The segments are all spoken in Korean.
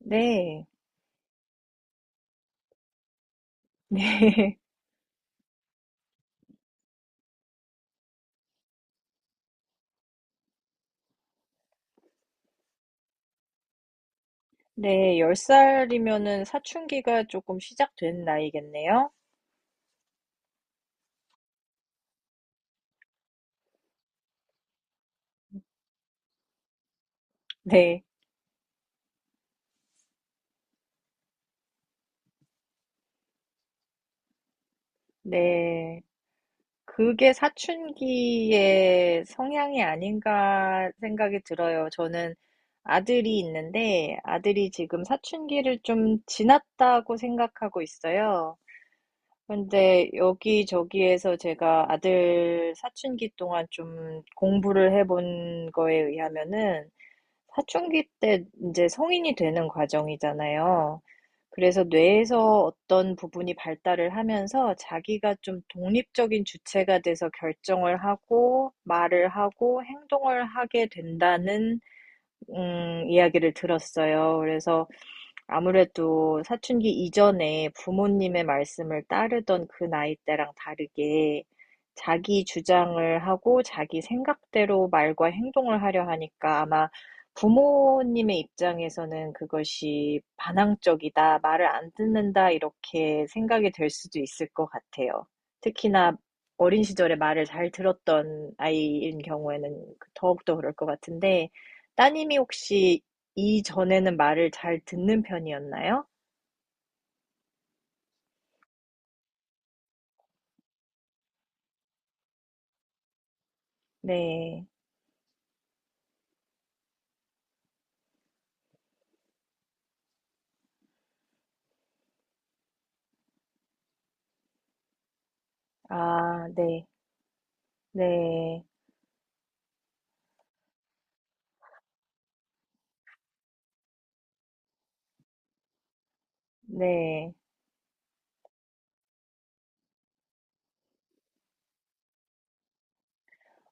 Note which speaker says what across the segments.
Speaker 1: 네. 네. 네. 10살이면은 사춘기가 조금 시작된 나이겠네요. 네. 네. 그게 사춘기의 성향이 아닌가 생각이 들어요. 저는 아들이 있는데 아들이 지금 사춘기를 좀 지났다고 생각하고 있어요. 근데 여기저기에서 제가 아들 사춘기 동안 좀 공부를 해본 거에 의하면은 사춘기 때 이제 성인이 되는 과정이잖아요. 그래서 뇌에서 어떤 부분이 발달을 하면서 자기가 좀 독립적인 주체가 돼서 결정을 하고 말을 하고 행동을 하게 된다는 이야기를 들었어요. 그래서 아무래도 사춘기 이전에 부모님의 말씀을 따르던 그 나이 때랑 다르게 자기 주장을 하고 자기 생각대로 말과 행동을 하려 하니까 아마 부모님의 입장에서는 그것이 반항적이다, 말을 안 듣는다, 이렇게 생각이 될 수도 있을 것 같아요. 특히나 어린 시절에 말을 잘 들었던 아이인 경우에는 더욱더 그럴 것 같은데, 따님이 혹시 이전에는 말을 잘 듣는 편이었나요? 네. 아 네. 네. 네.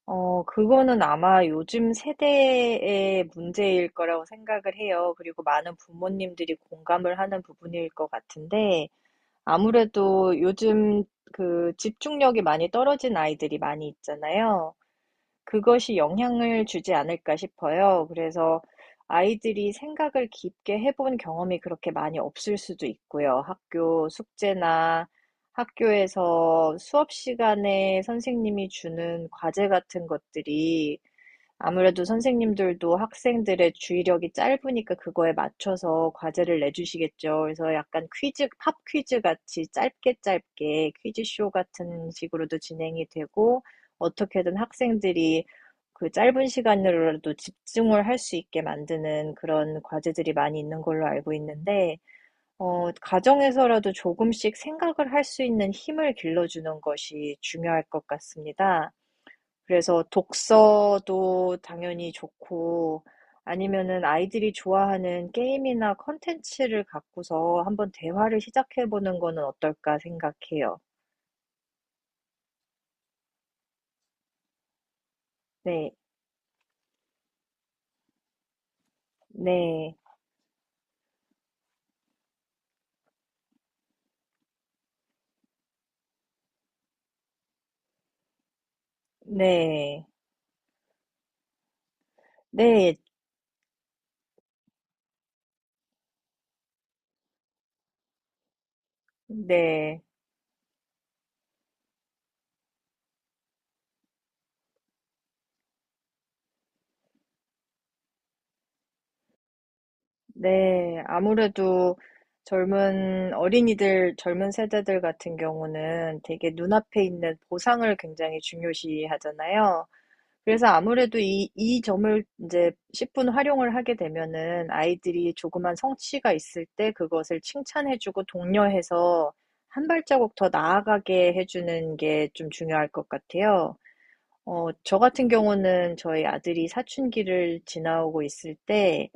Speaker 1: 그거는 아마 요즘 세대의 문제일 거라고 생각을 해요. 그리고 많은 부모님들이 공감을 하는 부분일 것 같은데 아무래도 요즘 그 집중력이 많이 떨어진 아이들이 많이 있잖아요. 그것이 영향을 주지 않을까 싶어요. 그래서 아이들이 생각을 깊게 해본 경험이 그렇게 많이 없을 수도 있고요. 학교 숙제나 학교에서 수업 시간에 선생님이 주는 과제 같은 것들이 아무래도 선생님들도 학생들의 주의력이 짧으니까 그거에 맞춰서 과제를 내주시겠죠. 그래서 약간 퀴즈, 팝 퀴즈 같이 짧게 짧게 퀴즈쇼 같은 식으로도 진행이 되고, 어떻게든 학생들이 그 짧은 시간으로라도 집중을 할 수 있게 만드는 그런 과제들이 많이 있는 걸로 알고 있는데, 가정에서라도 조금씩 생각을 할 수 있는 힘을 길러주는 것이 중요할 것 같습니다. 그래서 독서도 당연히 좋고 아니면은 아이들이 좋아하는 게임이나 컨텐츠를 갖고서 한번 대화를 시작해 보는 거는 어떨까 생각해요. 네, 네, 네, 네, 네, 네. 아무래도 젊은 어린이들, 젊은 세대들 같은 경우는 되게 눈앞에 있는 보상을 굉장히 중요시 하잖아요. 그래서 아무래도 이 점을 이제 십분 활용을 하게 되면은 아이들이 조그만 성취가 있을 때 그것을 칭찬해주고 독려해서 한 발자국 더 나아가게 해주는 게 좀 중요할 것 같아요. 저 같은 경우는 저희 아들이 사춘기를 지나오고 있을 때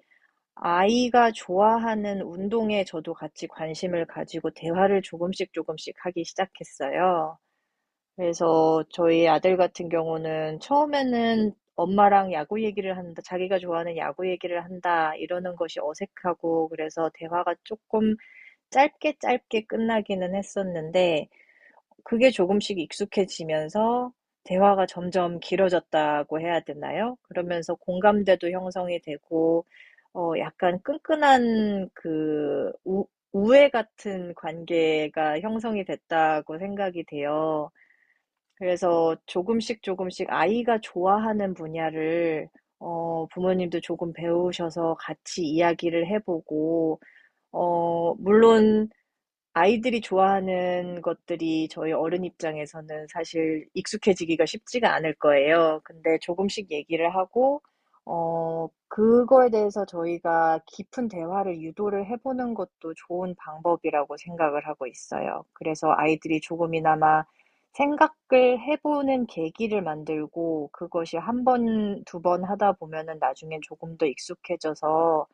Speaker 1: 아이가 좋아하는 운동에 저도 같이 관심을 가지고 대화를 조금씩 조금씩 하기 시작했어요. 그래서 저희 아들 같은 경우는 처음에는 엄마랑 야구 얘기를 한다, 자기가 좋아하는 야구 얘기를 한다, 이러는 것이 어색하고, 그래서 대화가 조금 짧게 짧게 끝나기는 했었는데, 그게 조금씩 익숙해지면서 대화가 점점 길어졌다고 해야 되나요? 그러면서 공감대도 형성이 되고, 약간 끈끈한 그 우애 같은 관계가 형성이 됐다고 생각이 돼요. 그래서 조금씩 조금씩 아이가 좋아하는 분야를 부모님도 조금 배우셔서 같이 이야기를 해보고, 물론 아이들이 좋아하는 것들이 저희 어른 입장에서는 사실 익숙해지기가 쉽지가 않을 거예요. 근데 조금씩 얘기를 하고, 그거에 대해서 저희가 깊은 대화를 유도를 해보는 것도 좋은 방법이라고 생각을 하고 있어요. 그래서 아이들이 조금이나마 생각을 해보는 계기를 만들고 그것이 한 번, 두 번 하다 보면은 나중엔 조금 더 익숙해져서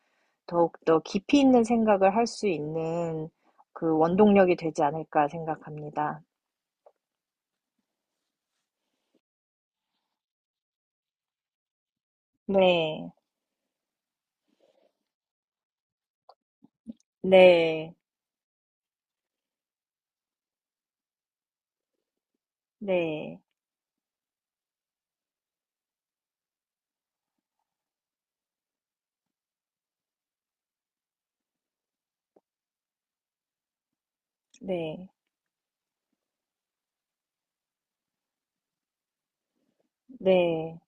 Speaker 1: 더욱더 깊이 있는 생각을 할 수 있는 그 원동력이 되지 않을까 생각합니다. 네. 네. 네. 네. 네.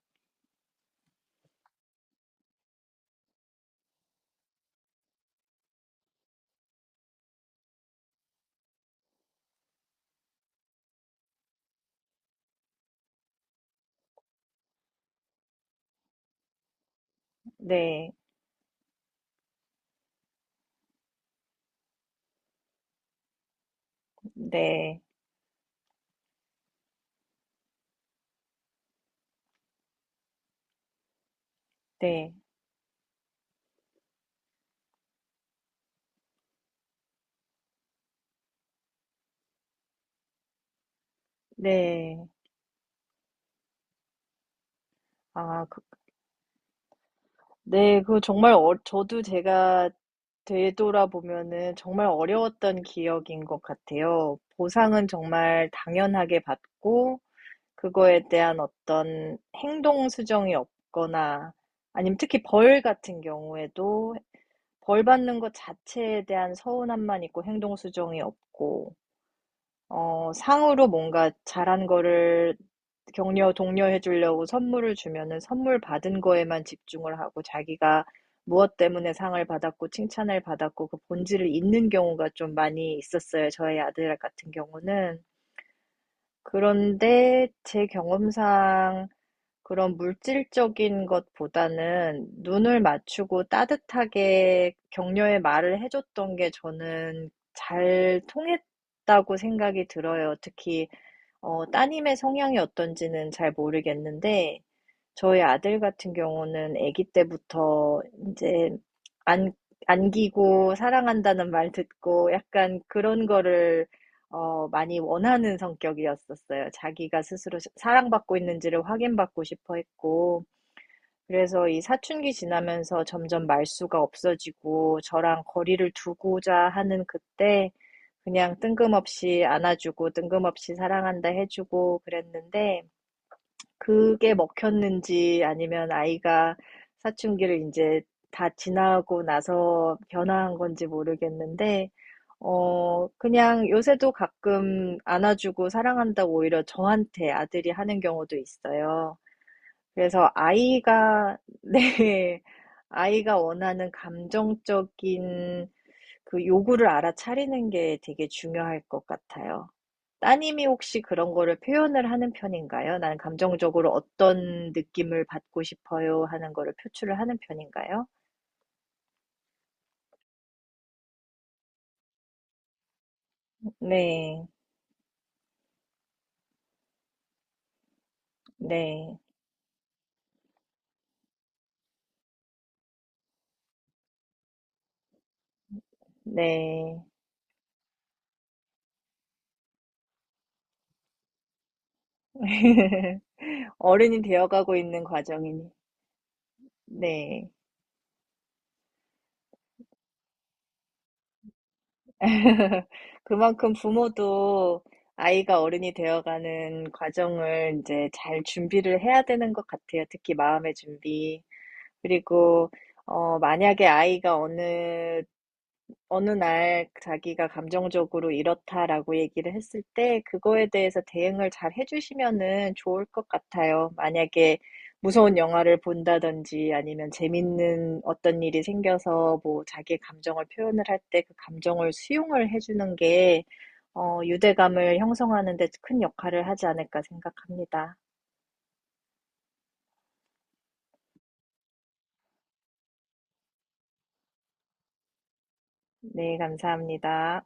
Speaker 1: 네. 네. 네. 네. 아, 그, 네. 그 정말 저도 제가 되돌아보면은 정말 어려웠던 기억인 것 같아요. 보상은 정말 당연하게 받고, 그거에 대한 어떤 행동 수정이 없거나 아니면 특히 벌 같은 경우에도 벌 받는 것 자체에 대한 서운함만 있고 행동 수정이 없고 상으로 뭔가 잘한 거를 격려, 독려해 주려고 선물을 주면은 선물 받은 거에만 집중을 하고 자기가 무엇 때문에 상을 받았고 칭찬을 받았고 그 본질을 잊는 경우가 좀 많이 있었어요. 저희 아들 같은 경우는. 그런데 제 경험상 그런 물질적인 것보다는 눈을 맞추고 따뜻하게 격려의 말을 해줬던 게 저는 잘 통했다고 생각이 들어요. 특히 따님의 성향이 어떤지는 잘 모르겠는데, 저희 아들 같은 경우는 아기 때부터 이제 안, 안기고 사랑한다는 말 듣고 약간 그런 거를 많이 원하는 성격이었었어요. 자기가 스스로 사랑받고 있는지를 확인받고 싶어 했고, 그래서 이 사춘기 지나면서 점점 말수가 없어지고 저랑 거리를 두고자 하는 그때 그냥 뜬금없이 안아주고 뜬금없이 사랑한다 해주고 그랬는데 그게 먹혔는지 아니면 아이가 사춘기를 이제 다 지나고 나서 변화한 건지 모르겠는데 그냥 요새도 가끔 안아주고 사랑한다고 오히려 저한테 아들이 하는 경우도 있어요. 그래서 아이가, 네, 아이가 원하는 감정적인 그 요구를 알아차리는 게 되게 중요할 것 같아요. 따님이 혹시 그런 거를 표현을 하는 편인가요? 나는 감정적으로 어떤 느낌을 받고 싶어요 하는 거를 표출을 하는 편인가요? 네, 네, 네. 어른이 되어가고 있는 과정이니. 네. 그만큼 부모도 아이가 어른이 되어가는 과정을 이제 잘 준비를 해야 되는 것 같아요. 특히 마음의 준비. 그리고, 만약에 아이가 어느 날 자기가 감정적으로 이렇다라고 얘기를 했을 때 그거에 대해서 대응을 잘 해주시면은 좋을 것 같아요. 만약에 무서운 영화를 본다든지 아니면 재밌는 어떤 일이 생겨서 뭐 자기의 감정을 표현을 할 때 그 감정을 수용을 해주는 게 유대감을 형성하는 데 큰 역할을 하지 않을까 생각합니다. 네, 감사합니다.